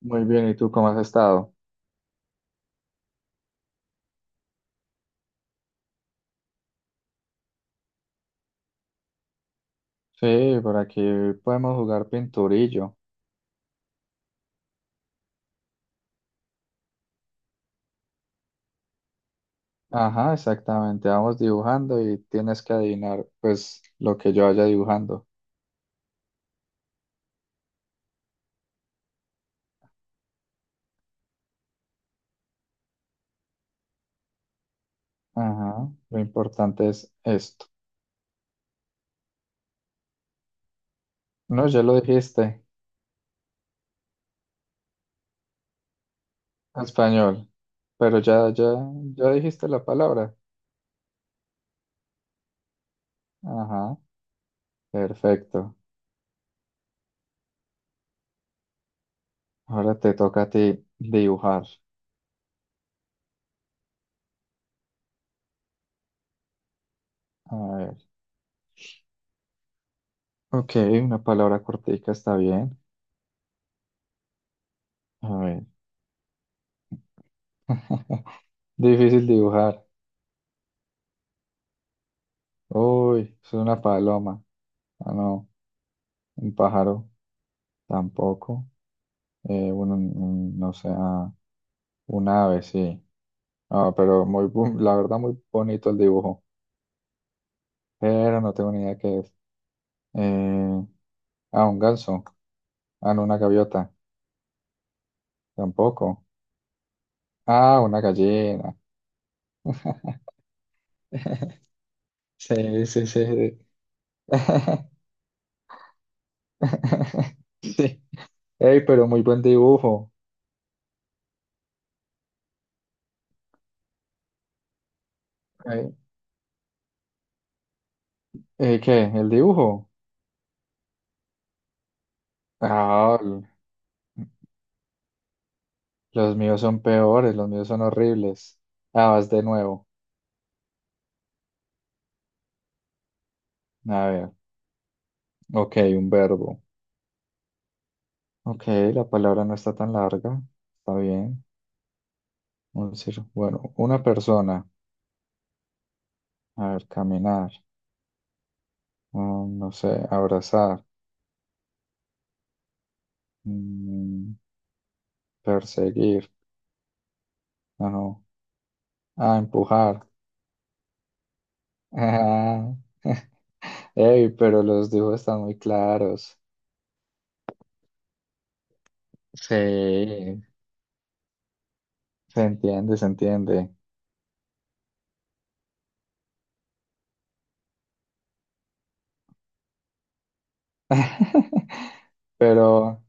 Muy bien, ¿y tú cómo has estado? Sí, por aquí podemos jugar pinturillo. Ajá, exactamente. Vamos dibujando y tienes que adivinar, pues, lo que yo vaya dibujando. Ajá, lo importante es esto. No, ya lo dijiste, español. Pero ya, ya dijiste la palabra. Ajá, perfecto. Ahora te toca a ti dibujar. A ver. Ok, una palabra cortica está bien. A ver. Difícil dibujar. Uy, es una paloma. Ah, no, un pájaro tampoco. Bueno, un- no sé, ah, un ave, sí. Ah, pero muy, bu- la verdad, muy bonito el dibujo. Pero no tengo ni idea qué es. Eh, ah, un ganso. Ah, no, una gaviota. Tampoco. Ah, una gallina. Sí, sí, sí. Sí. Ey, pero muy buen dibujo. Ey, ¿qué? ¿El dibujo? Ah, los míos son peores, los míos son horribles. Ah, vas de nuevo. A ver, ok, un verbo. Ok, la palabra no está tan larga. Está bien. Vamos a decir, bueno, una persona. A ver, caminar. Mm, no sé, abrazar. Mm, perseguir. Ah, no. Ah, empujar. Ah. Ey, pero los dibujos están muy claros. Sí, se entiende, se entiende. Pero,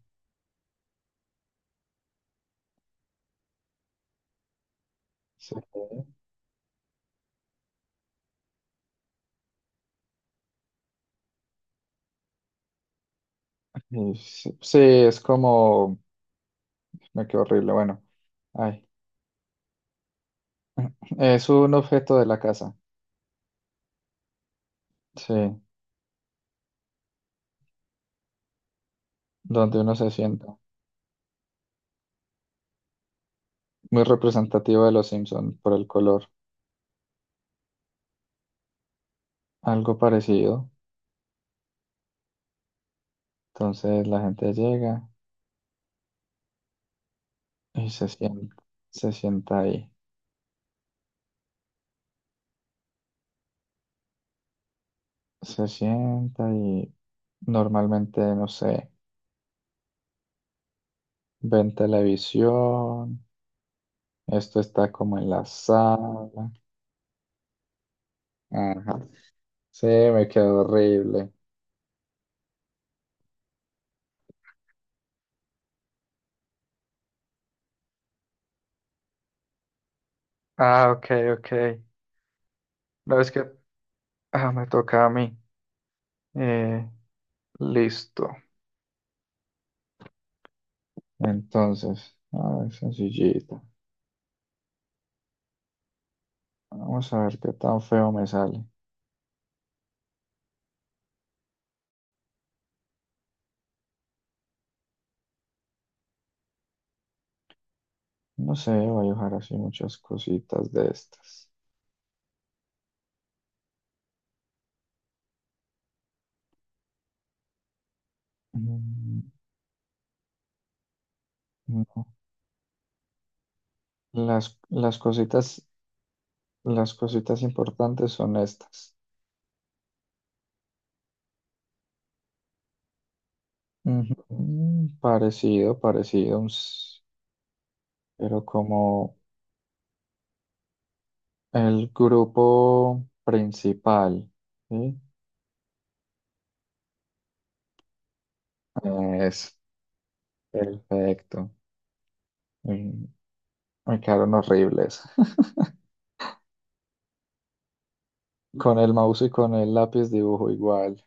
sí. Y sí, sí, es como... Me quedó horrible, bueno. Ay. Es un objeto de la casa, sí, donde uno se sienta. Muy representativo de los Simpson por el color. Algo parecido. Entonces la gente llega y se sienta ahí. Se sienta y normalmente, no sé, ven televisión. Esto está como en la sala. Ajá. Sí, me quedó horrible. Ah, ok, ok. No, es que ah, me toca a mí. Eh, listo. Entonces, a ver, sencillita. Vamos a ver qué tan feo me sale. No sé, voy a dejar así muchas cositas de estas. Mm, no. Las cositas, las cositas importantes son estas. Ujú. Mm, parecido, parecido, un s- pero como el grupo principal, ¿sí? Es perfecto. Mm. Me quedaron horribles. Con el mouse y con el lápiz dibujo igual.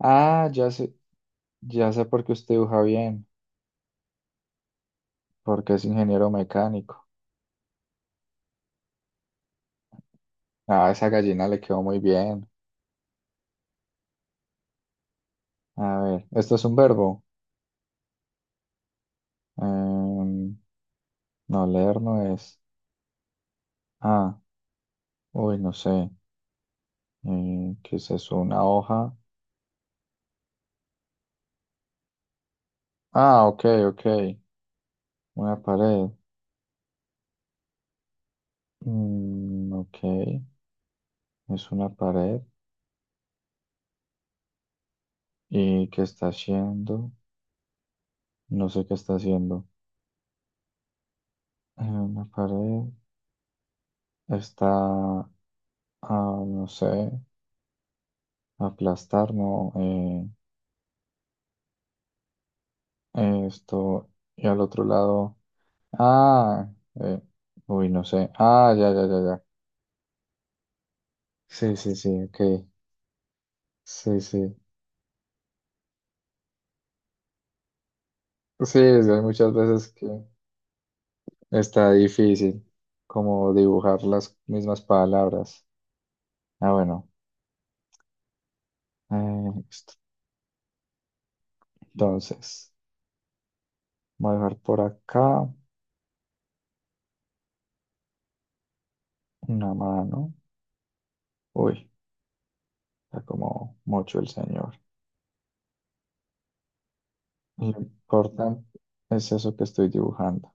Ah, ya sé por qué usted dibuja bien, porque es ingeniero mecánico. Ah, esa gallina le quedó muy bien. A ver, ¿esto es un verbo? Em, no, leer no es. Ah, uy, no sé. ¿Qué es eso? ¿Una hoja? Ah, ok, ok. Una pared. Mm, ok, es una pared. ¿Y qué está haciendo? No sé qué está haciendo. Una pared está a, no sé, aplastar, ¿no? Esto, y al otro lado, ah, eh, uy, no sé, ah, ya, ya, ya, ya. Sí, sí, sí, ok, sí, sí. Sí, es que hay muchas veces que está difícil como dibujar las mismas palabras. Ah, bueno, esto. Entonces, voy a dejar por acá una mano. Uy, está como mucho el señor. Lo importante es eso que estoy dibujando.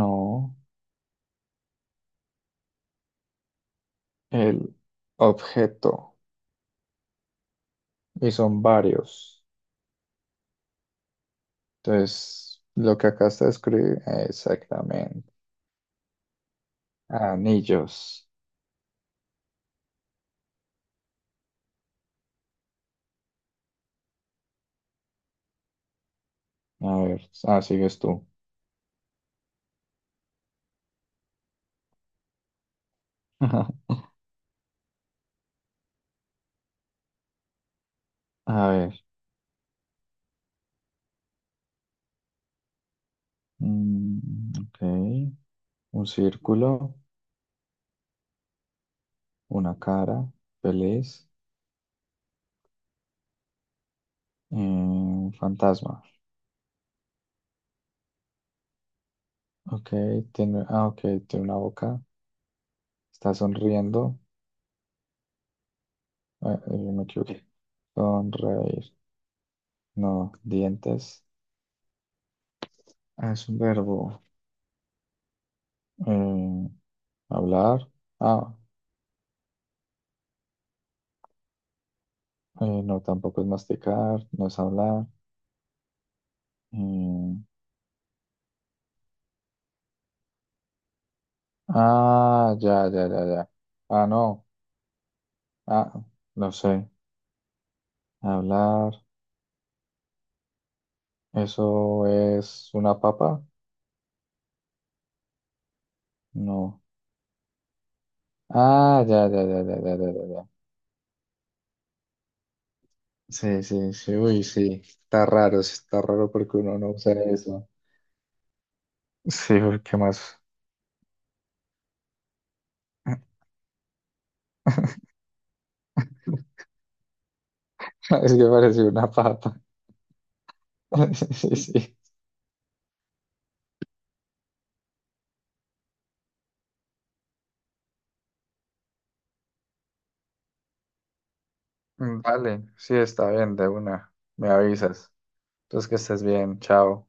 No, el objeto. Y son varios. Entonces, lo que acá está escrito exactamente. Anillos. A ver, ah, sigues tú. A ver. Mm, ok. Un círculo, una cara, feliz, un fantasma. Ok, tiene, ah, ok, tiene una boca. Está sonriendo. Ah, me equivoqué. Sonreír. No, dientes ah, es un verbo. Eh, hablar. Ah, no, tampoco es masticar, no es hablar. Eh, ah, ya, ya, ya, ya. Ah, no. Ah, no sé. Hablar. ¿Eso es una papa? No. Ah, ya, ya, ya, ya, ya, ya, ya, ya. Sí, sí, sí. Uy, sí. Está raro, sí, está raro porque uno no usa eso. Sí, uy, ¿qué más? Es que pareció una papa. Sí, sí. Mm, vale, sí, está bien, de una. Me avisas. Entonces que estés bien, chao.